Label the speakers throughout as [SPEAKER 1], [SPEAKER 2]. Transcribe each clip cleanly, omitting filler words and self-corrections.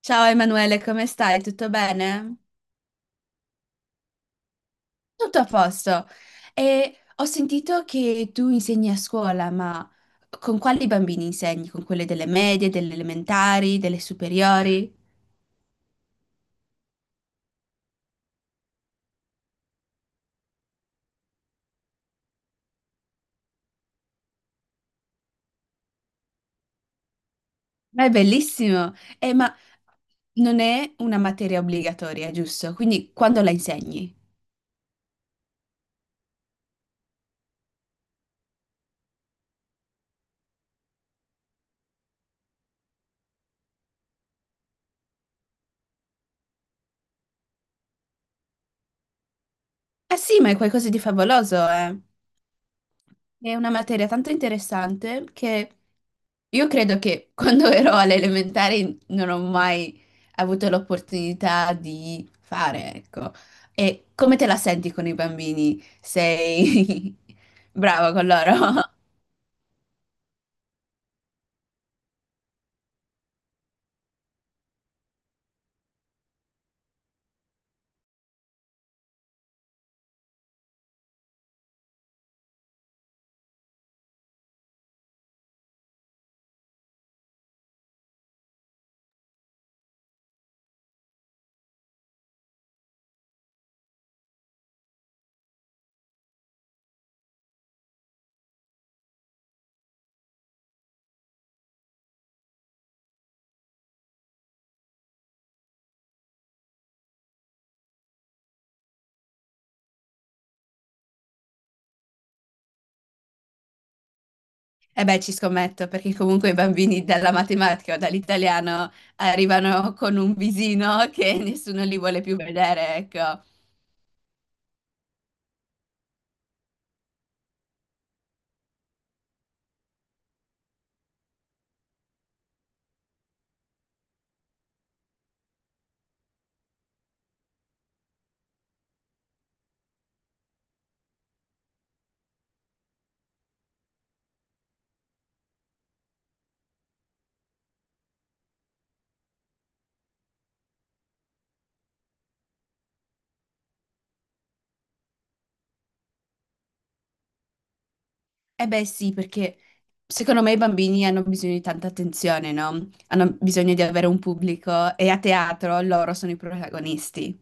[SPEAKER 1] Ciao Emanuele, come stai? Tutto bene? Tutto a posto. E ho sentito che tu insegni a scuola, ma con quali bambini insegni? Con quelle delle medie, delle elementari, delle superiori? Ma è bellissimo! Ma non è una materia obbligatoria, giusto? Quindi quando la insegni? Ah sì, ma è qualcosa di favoloso, eh? È una materia tanto interessante che io credo che quando ero alle elementari non ho mai avuto l'opportunità di fare, ecco. E come te la senti con i bambini? Sei brava con loro? E beh, ci scommetto, perché comunque i bambini dalla matematica o dall'italiano arrivano con un visino che nessuno li vuole più vedere, ecco. Eh beh sì, perché secondo me i bambini hanno bisogno di tanta attenzione, no? Hanno bisogno di avere un pubblico e a teatro loro sono i protagonisti.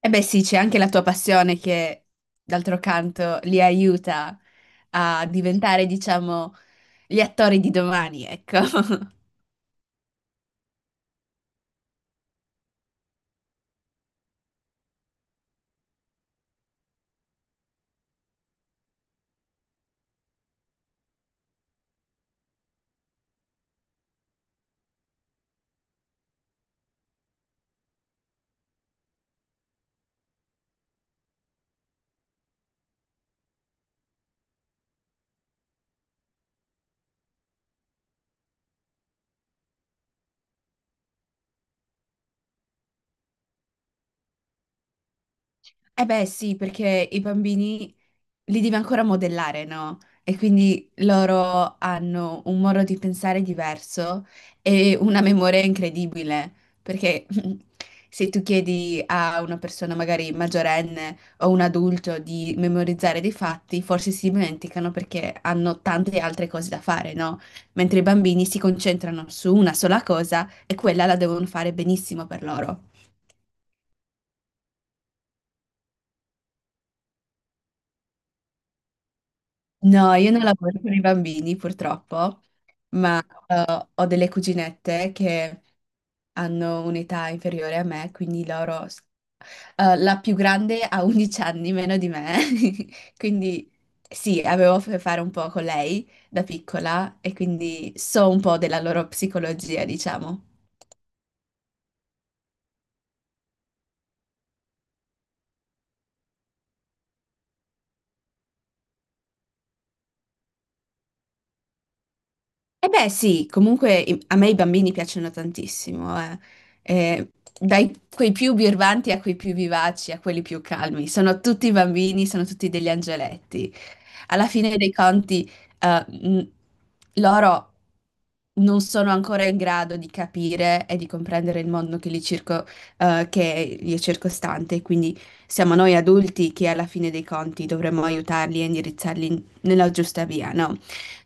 [SPEAKER 1] Eh beh sì, c'è anche la tua passione che, d'altro canto, li aiuta a diventare, diciamo, gli attori di domani, ecco. Eh beh sì, perché i bambini li devi ancora modellare, no? E quindi loro hanno un modo di pensare diverso e una memoria incredibile, perché se tu chiedi a una persona magari maggiorenne o un adulto di memorizzare dei fatti, forse si dimenticano perché hanno tante altre cose da fare, no? Mentre i bambini si concentrano su una sola cosa e quella la devono fare benissimo per loro. No, io non lavoro con i bambini purtroppo, ma ho delle cuginette che hanno un'età inferiore a me, quindi loro... la più grande ha 11 anni meno di me, quindi sì, avevo a che fare un po' con lei da piccola e quindi so un po' della loro psicologia, diciamo. Eh beh, sì, comunque i- a me i bambini piacciono tantissimo, eh. Eh, dai quei più birbanti a quei più vivaci, a quelli più calmi. Sono tutti bambini, sono tutti degli angeletti. Alla fine dei conti, eh, mh, loro non sono ancora in grado di capire e di comprendere il mondo che li circo- che li è circostante, quindi siamo noi adulti che alla fine dei conti dovremmo aiutarli e indirizzarli in- nella giusta via, no?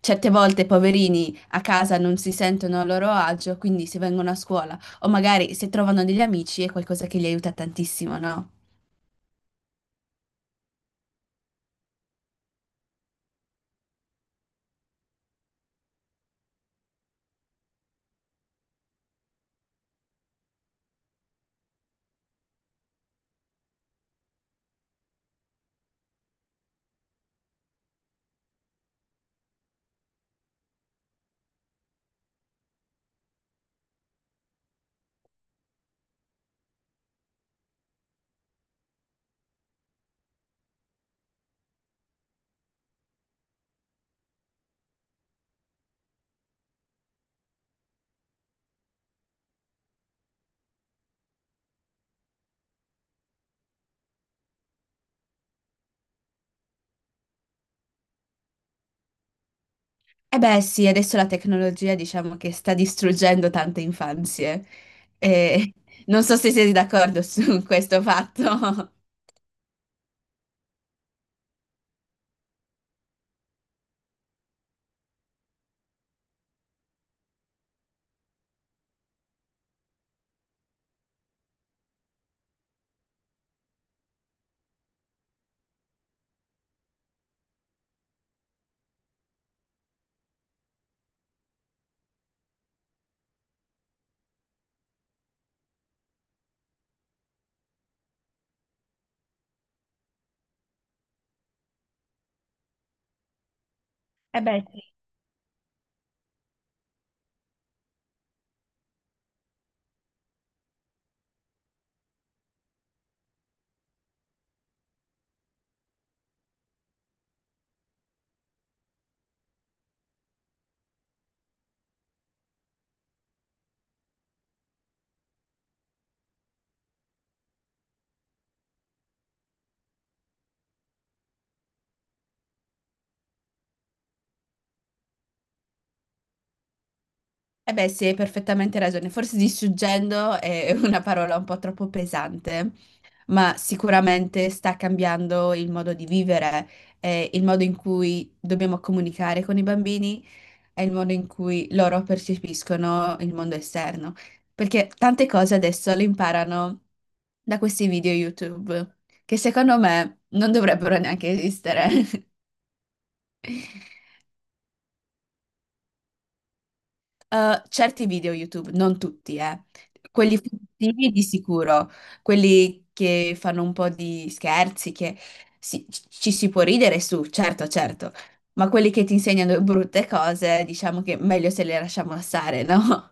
[SPEAKER 1] Certe volte, poverini a casa non si sentono a loro agio, quindi se vengono a scuola o magari se trovano degli amici è qualcosa che li aiuta tantissimo, no? E beh sì, adesso la tecnologia diciamo che sta distruggendo tante infanzie. E non so se siete d'accordo su questo fatto. Eh beh, sì. Eh beh, sì, hai perfettamente ragione. Forse distruggendo è una parola un po' troppo pesante, ma sicuramente sta cambiando il modo di vivere, il modo in cui dobbiamo comunicare con i bambini, è il modo in cui loro percepiscono il mondo esterno, perché tante cose adesso le imparano da questi video YouTube, che secondo me non dovrebbero neanche esistere. Certi video YouTube, non tutti, eh. Quelli furtivi di sicuro, quelli che fanno un po' di scherzi, che si- ci si può ridere su, certo, certo, ma quelli che ti insegnano brutte cose, diciamo che meglio se le lasciamo stare, no?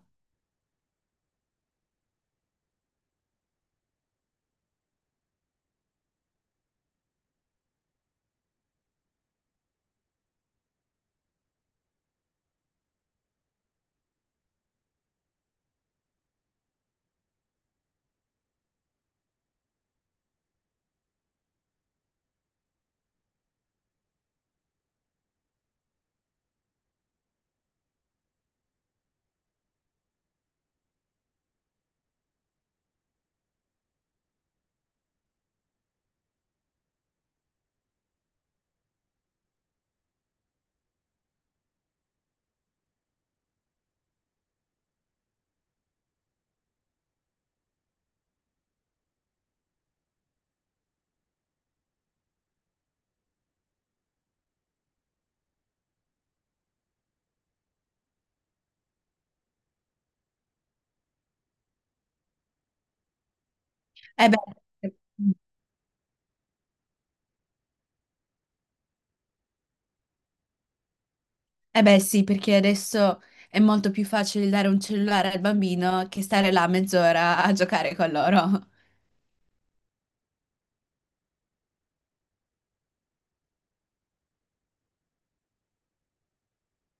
[SPEAKER 1] Eh beh, eh beh sì, perché adesso è molto più facile dare un cellulare al bambino che stare là mezz'ora a giocare con loro.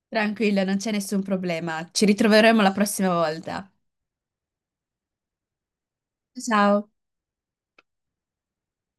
[SPEAKER 1] Tranquilla, non c'è nessun problema. Ci ritroveremo la prossima volta. Ciao.